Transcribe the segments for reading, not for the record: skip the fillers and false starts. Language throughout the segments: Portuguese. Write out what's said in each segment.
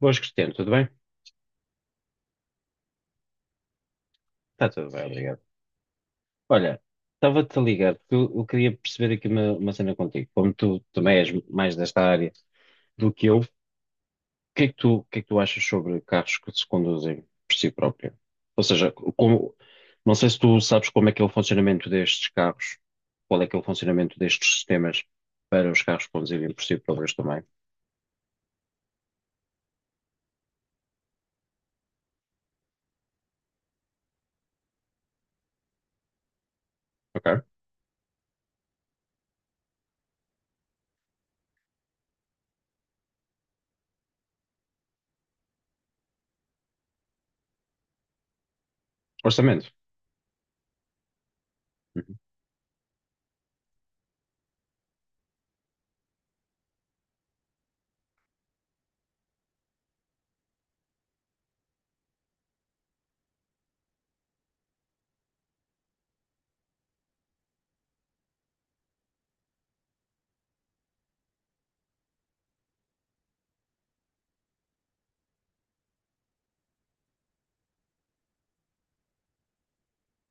Boas, Cristiano, tudo bem? Está tudo bem, obrigado. Olha, estava-te a ligar porque eu queria perceber aqui uma cena contigo. Como tu também és mais desta área do que eu, o que é que tu, o que é que tu achas sobre carros que se conduzem por si próprio? Ou seja, como, não sei se tu sabes como é que é o funcionamento destes carros, qual é que é o funcionamento destes sistemas para os carros conduzirem por si próprios também, ok? Orçamento. Uhum.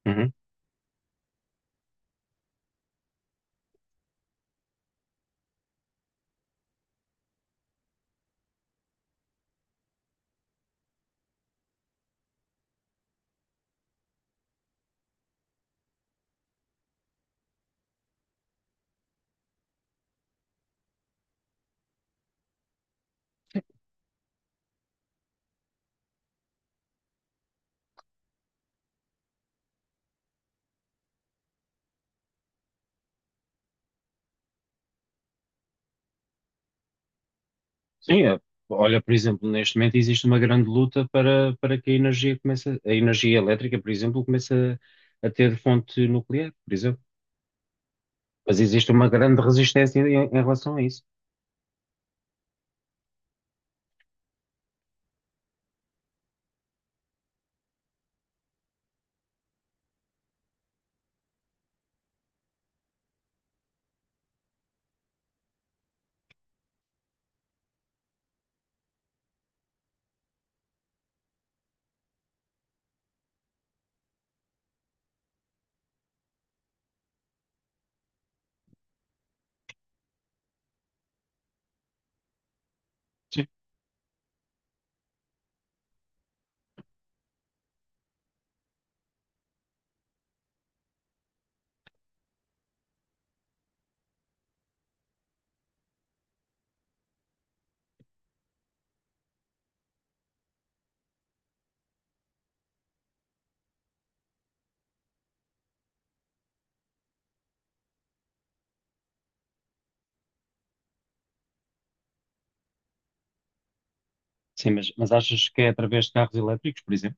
Uhum. Sim, é. Olha, por exemplo, neste momento existe uma grande luta para que a energia comece, a energia elétrica, por exemplo, comece a ter fonte nuclear, por exemplo. Mas existe uma grande resistência em relação a isso. Sim, sim, mas achas que é através de carros elétricos, por exemplo?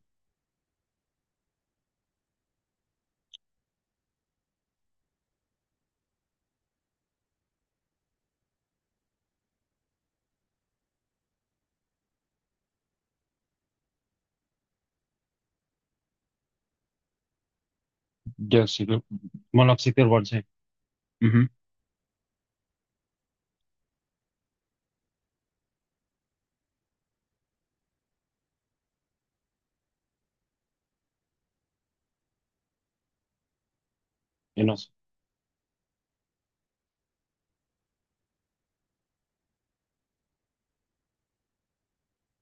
Dióxido. Monóxido de carbono, sim. Uhum. E não, só-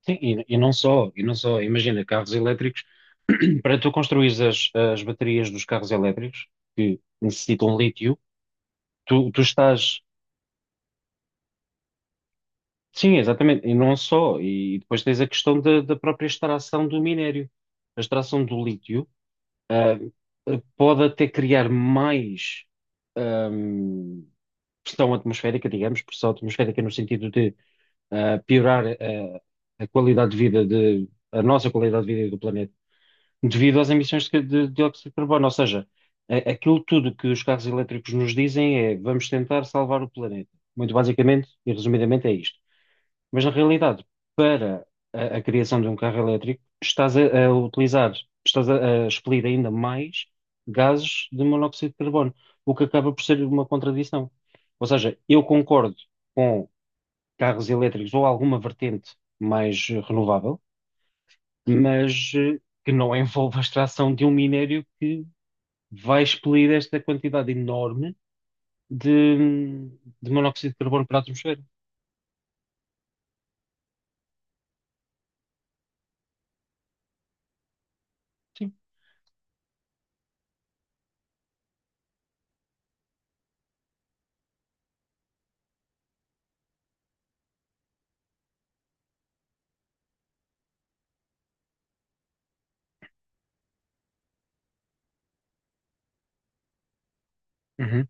sim, e não só, e não só, imagina, carros elétricos, para tu construires as baterias dos carros elétricos, que necessitam lítio, tu estás. Sim, exatamente. E não só. E depois tens a questão da própria extração do minério. A extração do lítio, ah, pode até criar mais, ahm, pressão atmosférica, digamos, pressão atmosférica no sentido de, piorar, a qualidade de vida de, a nossa qualidade de vida e do planeta, devido às emissões de dióxido de carbono. Ou seja, a- aquilo tudo que os carros elétricos nos dizem é vamos tentar salvar o planeta. Muito basicamente e resumidamente é isto. Mas na realidade, para a criação de um carro elétrico, estás a utilizar, estás a expelir ainda mais gases de monóxido de carbono, o que acaba por ser uma contradição. Ou seja, eu concordo com carros elétricos ou alguma vertente mais renovável, mas que não envolva a extração de um minério que vai expelir esta quantidade enorme de, de monóxido de carbono para a atmosfera. Sim. Uhum.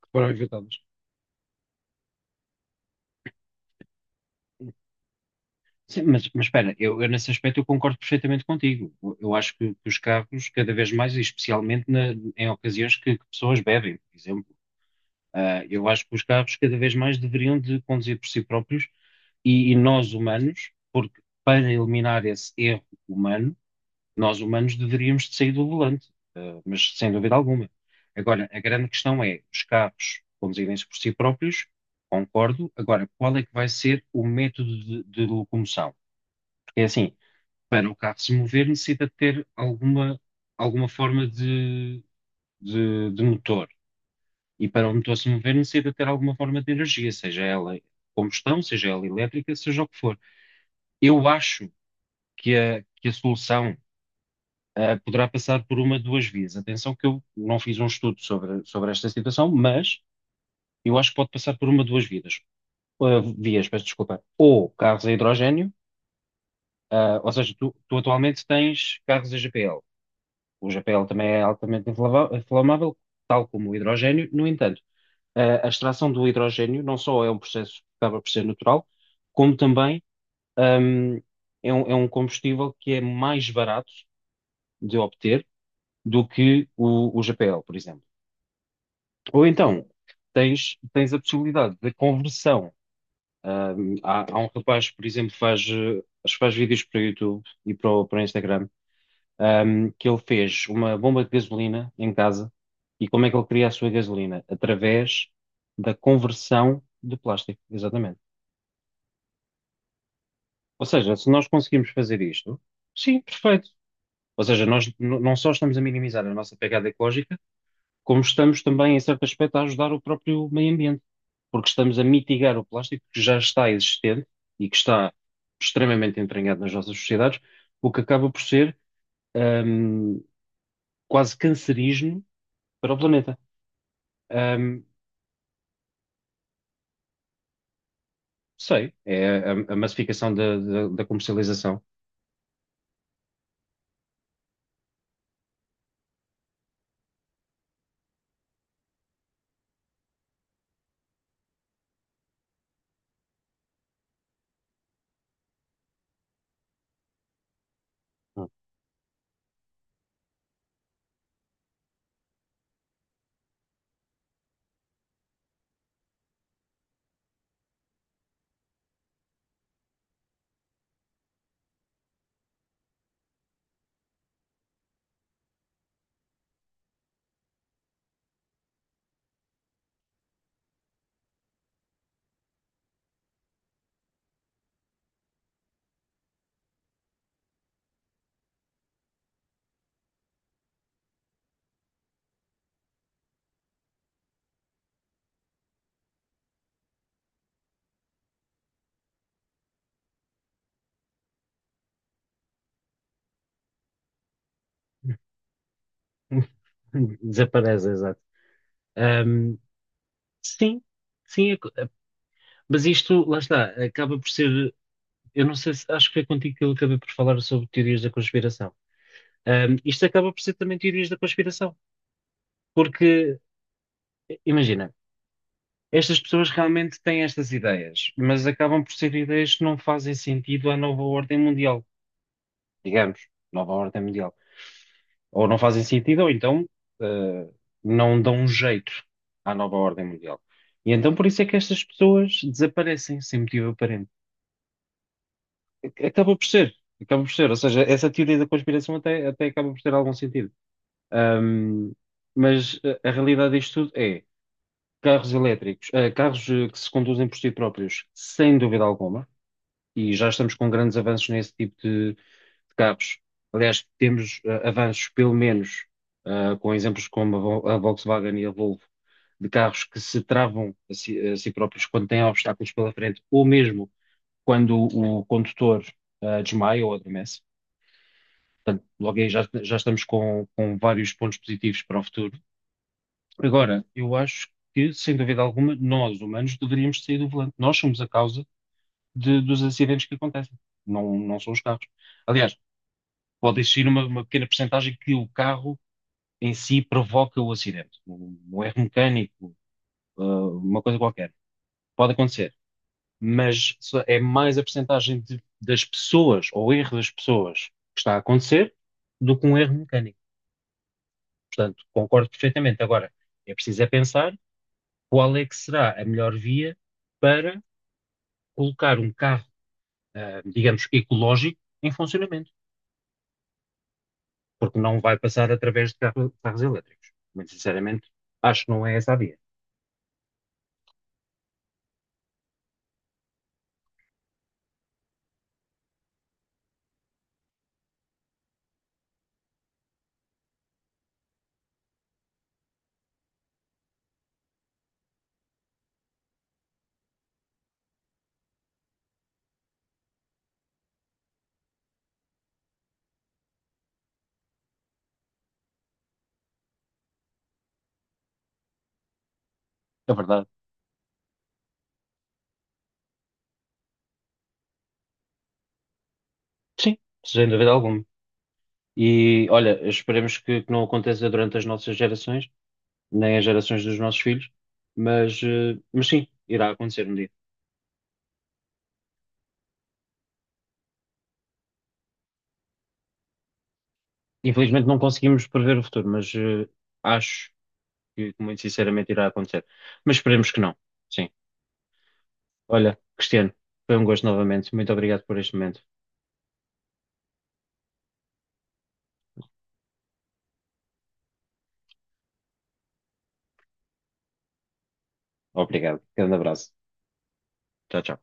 Que foram evitadas. Sim, mas espera, eu nesse aspecto eu concordo perfeitamente contigo. Eu acho que os carros, cada vez mais, e especialmente na- em ocasiões que pessoas bebem, por exemplo, eu acho que os carros cada vez mais deveriam de conduzir por si próprios e nós humanos, porque para eliminar esse erro humano, nós humanos deveríamos de sair do volante, mas sem dúvida alguma. Agora, a grande questão é, os carros conduzirem-se por si próprios, concordo. Agora, qual é que vai ser o método de locomoção? Porque é assim, para o carro se mover, necessita de ter alguma, alguma forma de motor. E para o motor se mover, necessita de ter alguma forma de energia, seja ela combustão, seja ela elétrica, seja o que for. Eu acho que que a solução, poderá passar por uma de duas vias. Atenção que eu não fiz um estudo sobre, sobre esta situação, mas eu acho que pode passar por uma de duas vidas. Ah, vias, peço desculpa. Ou carros a hidrogénio, ou seja, tu atualmente tens carros a GPL. O GPL também é altamente inflava- inflamável, tal como o hidrogênio. No entanto, a extração do hidrogênio não só é um processo que acaba por ser natural, como também hum, é um combustível que é mais barato de obter do que o GPL, por exemplo. Ou então, tens, tens a possibilidade da conversão. Há, há um rapaz, por exemplo, faz, acho que faz vídeos para o YouTube e para o, para o Instagram um, que ele fez uma bomba de gasolina em casa. E como é que ele cria a sua gasolina? Através da conversão de plástico, exatamente. Ou seja, se nós conseguimos fazer isto, sim, perfeito. Ou seja, nós n- não só estamos a minimizar a nossa pegada ecológica, como estamos também, em certo aspecto, a ajudar o próprio meio ambiente, porque estamos a mitigar o plástico que já está existente e que está extremamente entranhado nas nossas sociedades, o que acaba por ser, hum, quase cancerígeno para o planeta. Ahm, sei, é a massificação da da comercialização. Desaparece, exato. Ahm, sim, sim, é co- mas isto, lá está, acaba por ser, eu não sei se, acho que foi contigo que eu acabei por falar sobre teorias da conspiração. Isto acaba por ser também teorias da conspiração, porque, imagina, estas pessoas realmente têm estas ideias, mas acabam por ser ideias que não fazem sentido à nova ordem mundial, digamos, nova ordem mundial. Ou não fazem sentido, ou então eh, não dão um jeito à nova ordem mundial. E então por isso é que estas pessoas desaparecem sem motivo aparente. Ac- acaba por ser, acaba por ser. Ou seja, essa teoria da conspiração até, até acaba por ter algum sentido. Ahm, mas a realidade disto tudo é carros elétricos, carros que se conduzem por si próprios, sem dúvida alguma e já estamos com grandes avanços nesse tipo de carros. Aliás, temos avanços, pelo menos, com exemplos como a Vol- a Volkswagen e a Volvo, de carros que se travam a si próprios quando têm obstáculos pela frente, ou mesmo quando o condutor desmaia ou adormece. Portanto, logo aí já, já estamos com vários pontos positivos para o futuro. Agora, eu acho que, sem dúvida alguma, nós, humanos, deveríamos sair do volante. Nós somos a causa de- dos acidentes que acontecem. Não, não são os carros. Aliás, pode existir uma pequena percentagem que o carro em si provoca o acidente. Um erro mecânico, ah, uma coisa qualquer. Pode acontecer. Mas só- é mais a percentagem de- das pessoas, ou erro das pessoas, que está a acontecer, do que um erro mecânico. Portanto, concordo perfeitamente. Agora, é preciso é pensar qual é que será a melhor via para colocar um carro, digamos, ecológico em funcionamento. Porque não vai passar através de carro- carros elétricos. Muito sinceramente, acho que não é essa a via. É verdade. Sim, sem dúvida alguma. E olha, esperemos que não aconteça durante as nossas gerações, nem as gerações dos nossos filhos, mas, mas sim, irá acontecer um dia. Infelizmente não conseguimos prever o futuro, mas acho que muito sinceramente irá acontecer. Mas esperemos que não. Sim. Olha, Cristiano, foi um gosto novamente. Muito obrigado por este momento. Obrigado. Grande abraço. Tchau, tchau.